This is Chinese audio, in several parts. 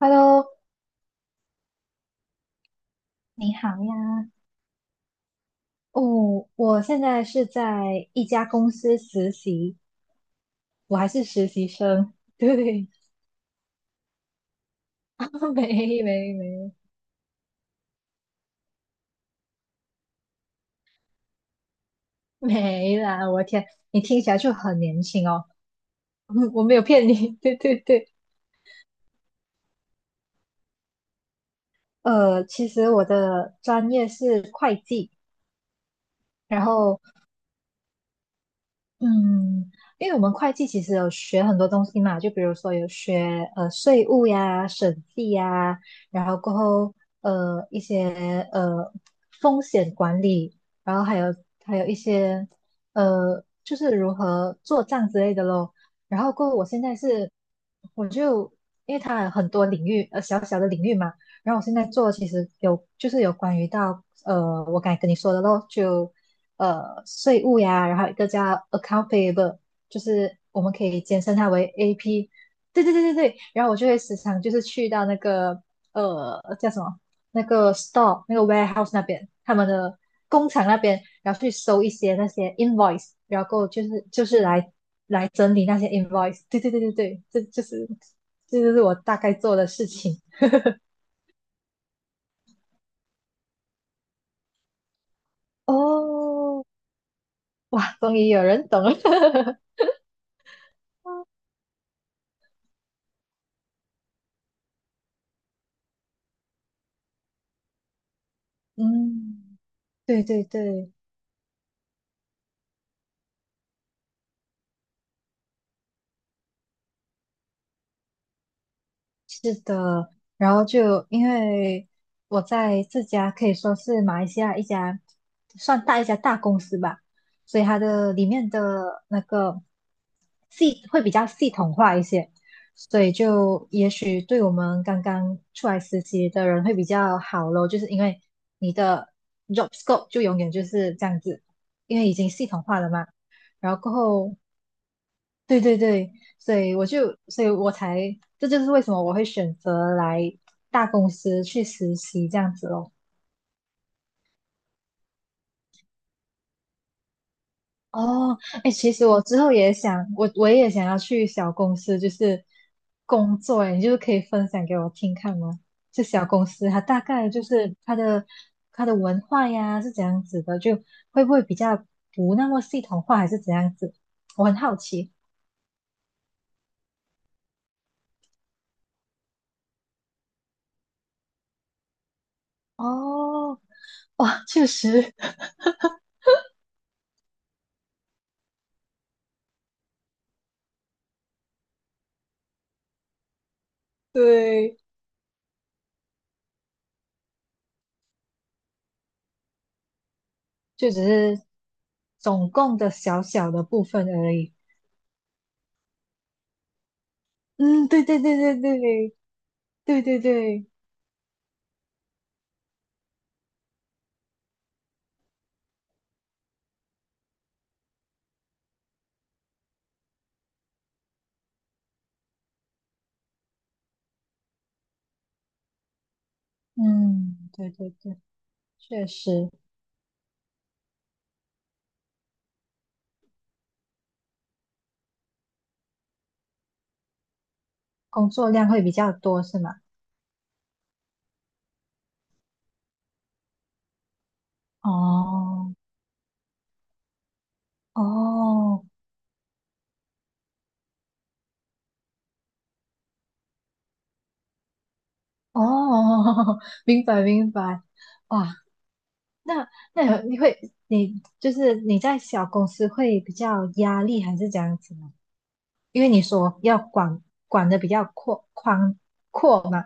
Hello，你好呀。哦，我现在是在一家公司实习，我还是实习生。对，啊没没没没啦！我天，你听起来就很年轻哦。我没有骗你。对对对，其实我的专业是会计，然后嗯，因为我们会计其实有学很多东西嘛，就比如说有学税务呀、审计呀，然后过后一些风险管理，然后还有一些就是如何做账之类的咯。然后过后我现在是我就因为它有很多领域小小的领域嘛，然后我现在做其实有就是有关于到我刚才跟你说的咯，就税务呀，然后一个叫 account payable，就是我们可以简称它为 AP。对对对对对，然后我就会时常就是去到那个叫什么那个 store 那个 warehouse 那边，他们的工厂那边，然后去收一些那些 invoice，然后就是来整理那些 invoice。对对对对对，这就是我大概做的事情。哦，哇，终于有人懂了。嗯，对对对，是的，然后就因为我在这家可以说是马来西亚一家算大一家大公司吧，所以它的里面的那个系会比较系统化一些，所以就也许对我们刚刚出来实习的人会比较好咯，就是因为你的 job scope 就永远就是这样子，因为已经系统化了嘛，然后过后对对对，所以我就，所以我才，这就是为什么我会选择来大公司去实习这样子咯。哦，哎，其实我也想要去小公司，就是工作，哎，你就是可以分享给我听看吗？这小公司它大概就是它的文化呀是怎样子的，就会不会比较不那么系统化，还是怎样子？我很好奇。哦，哇，确实，对。就只是总共的小小的部分而已。嗯，对对对对对对对对，嗯，对对对，确实工作量会比较多，是吗？哦哦哦，明白明白。哇，那那有你会你就是你在小公司会比较压力还是怎样子呢？因为你说要管的比较宽阔嘛，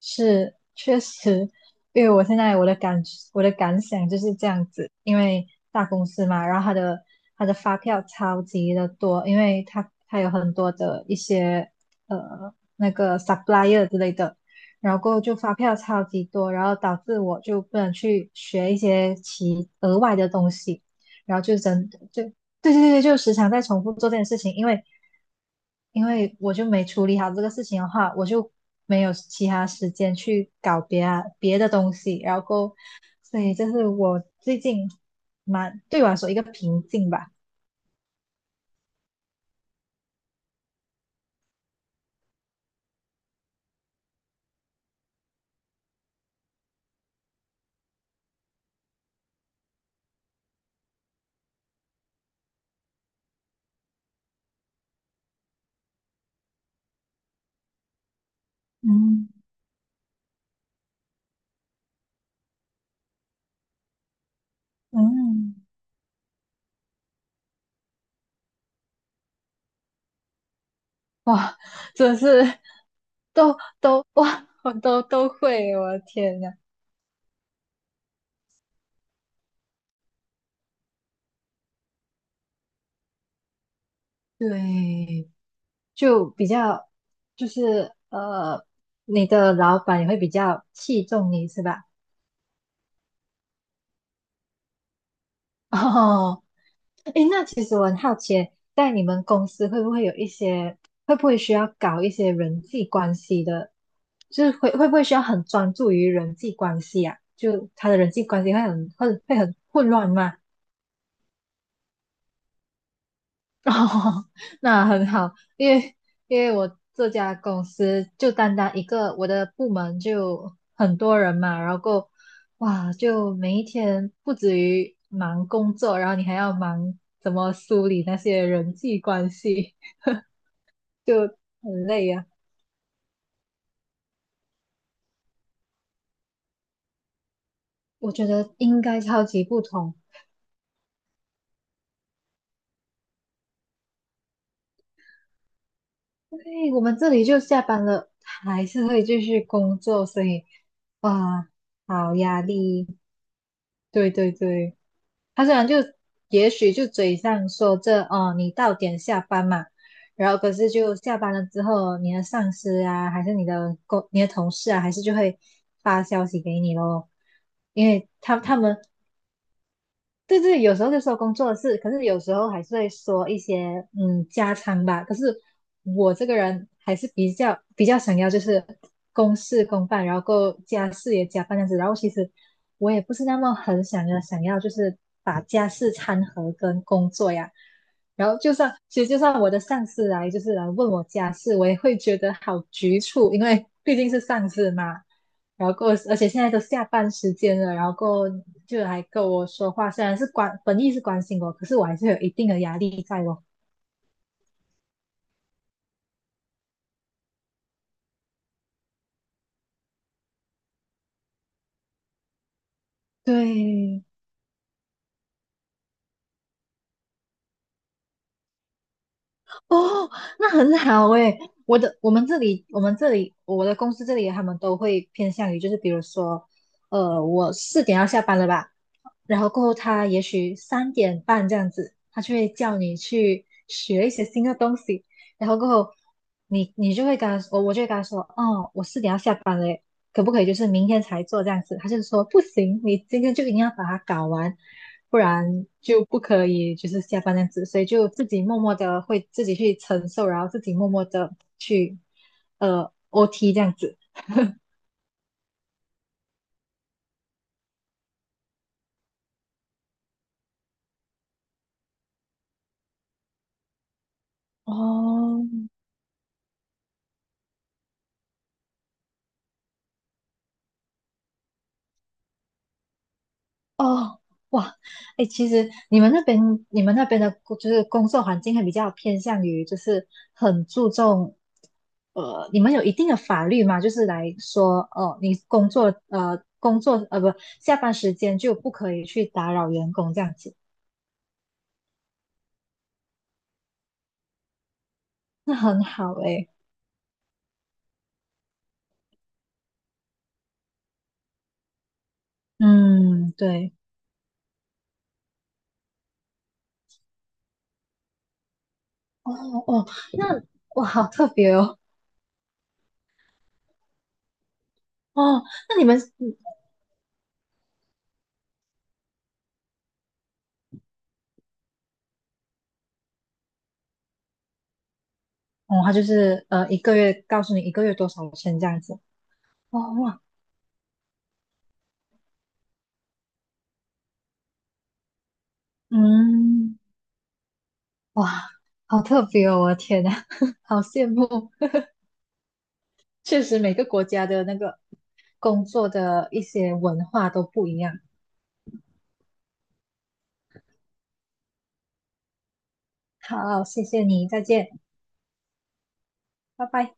是，确实，因为我的感想就是这样子，因为大公司嘛，然后它的发票超级的多，因为它有很多的一些呃那个 supplier 之类的，然后过后就发票超级多，然后导致我就不能去学一些其额外的东西，然后就真就对对对，就时常在重复做这件事情，因为因为我就没处理好这个事情的话，我就没有其他时间去搞别的东西，然后所以这是我最近蛮对我来说一个瓶颈吧。嗯嗯，哇，真是都哇，我都会，我的天呐，对，就比较就是你的老板也会比较器重你是吧？哦，诶，那其实我很好奇，在你们公司会不会有一些，会不会需要搞一些人际关系的，就是会不会需要很专注于人际关系啊？就他的人际关系会很混乱吗？哦，那很好，因为我这家公司就单单一个我的部门就很多人嘛，然后够哇，就每一天不止于忙工作，然后你还要忙怎么梳理那些人际关系。就很累呀、我觉得应该超级不同。对，我们这里就下班了，还是会继续工作，所以哇，好压力。对对对，他虽然就也许就嘴上说这哦，你到点下班嘛，然后可是就下班了之后，你的上司啊，还是你的同事啊，还是就会发消息给你咯。因为他们对对，有时候就说工作的事，可是有时候还是会说一些家常吧。可是我这个人还是比较想要就是公事公办，然后够家事也加班这样子。然后其实我也不是那么很想要就是把家事掺和跟工作呀。然后就算其实就算我的上司来就是来问我家事，我也会觉得好局促，因为毕竟是上司嘛。然后够，而且现在都下班时间了，然后够就还跟我说话，虽然是本意是关心我，可是我还是有一定的压力在哦。对，哦，那很好诶。我的我们这里我们这里我的公司这里他们都会偏向于就是比如说，我四点要下班了吧，然后过后他也许3点半这样子，他就会叫你去学一些新的东西，然后过后你就会跟他说，我就会跟他说，哦，我四点要下班嘞，可不可以就是明天才做这样子？他就说不行，你今天就一定要把它搞完，不然就不可以就是下班这样子，所以就自己默默的会自己去承受，然后自己默默的去OT 这样子。哦，哦，哇，哎，其实你们那边的就是工作环境还比较偏向于，就是很注重，你们有一定的法律吗？就是来说，哦，你工作，呃，工作，呃，不，下班时间就不可以去打扰员工这样子，那很好哎，嗯，对，哦哦，那哇，好特别哦，哦，那你们，哦，他就是，一个月告诉你一个月多少钱这样子，哦哇，嗯。哇，好特别哦！我的天呐，好羡慕。确实，每个国家的那个工作的一些文化都不一样。好，谢谢你，再见，拜拜。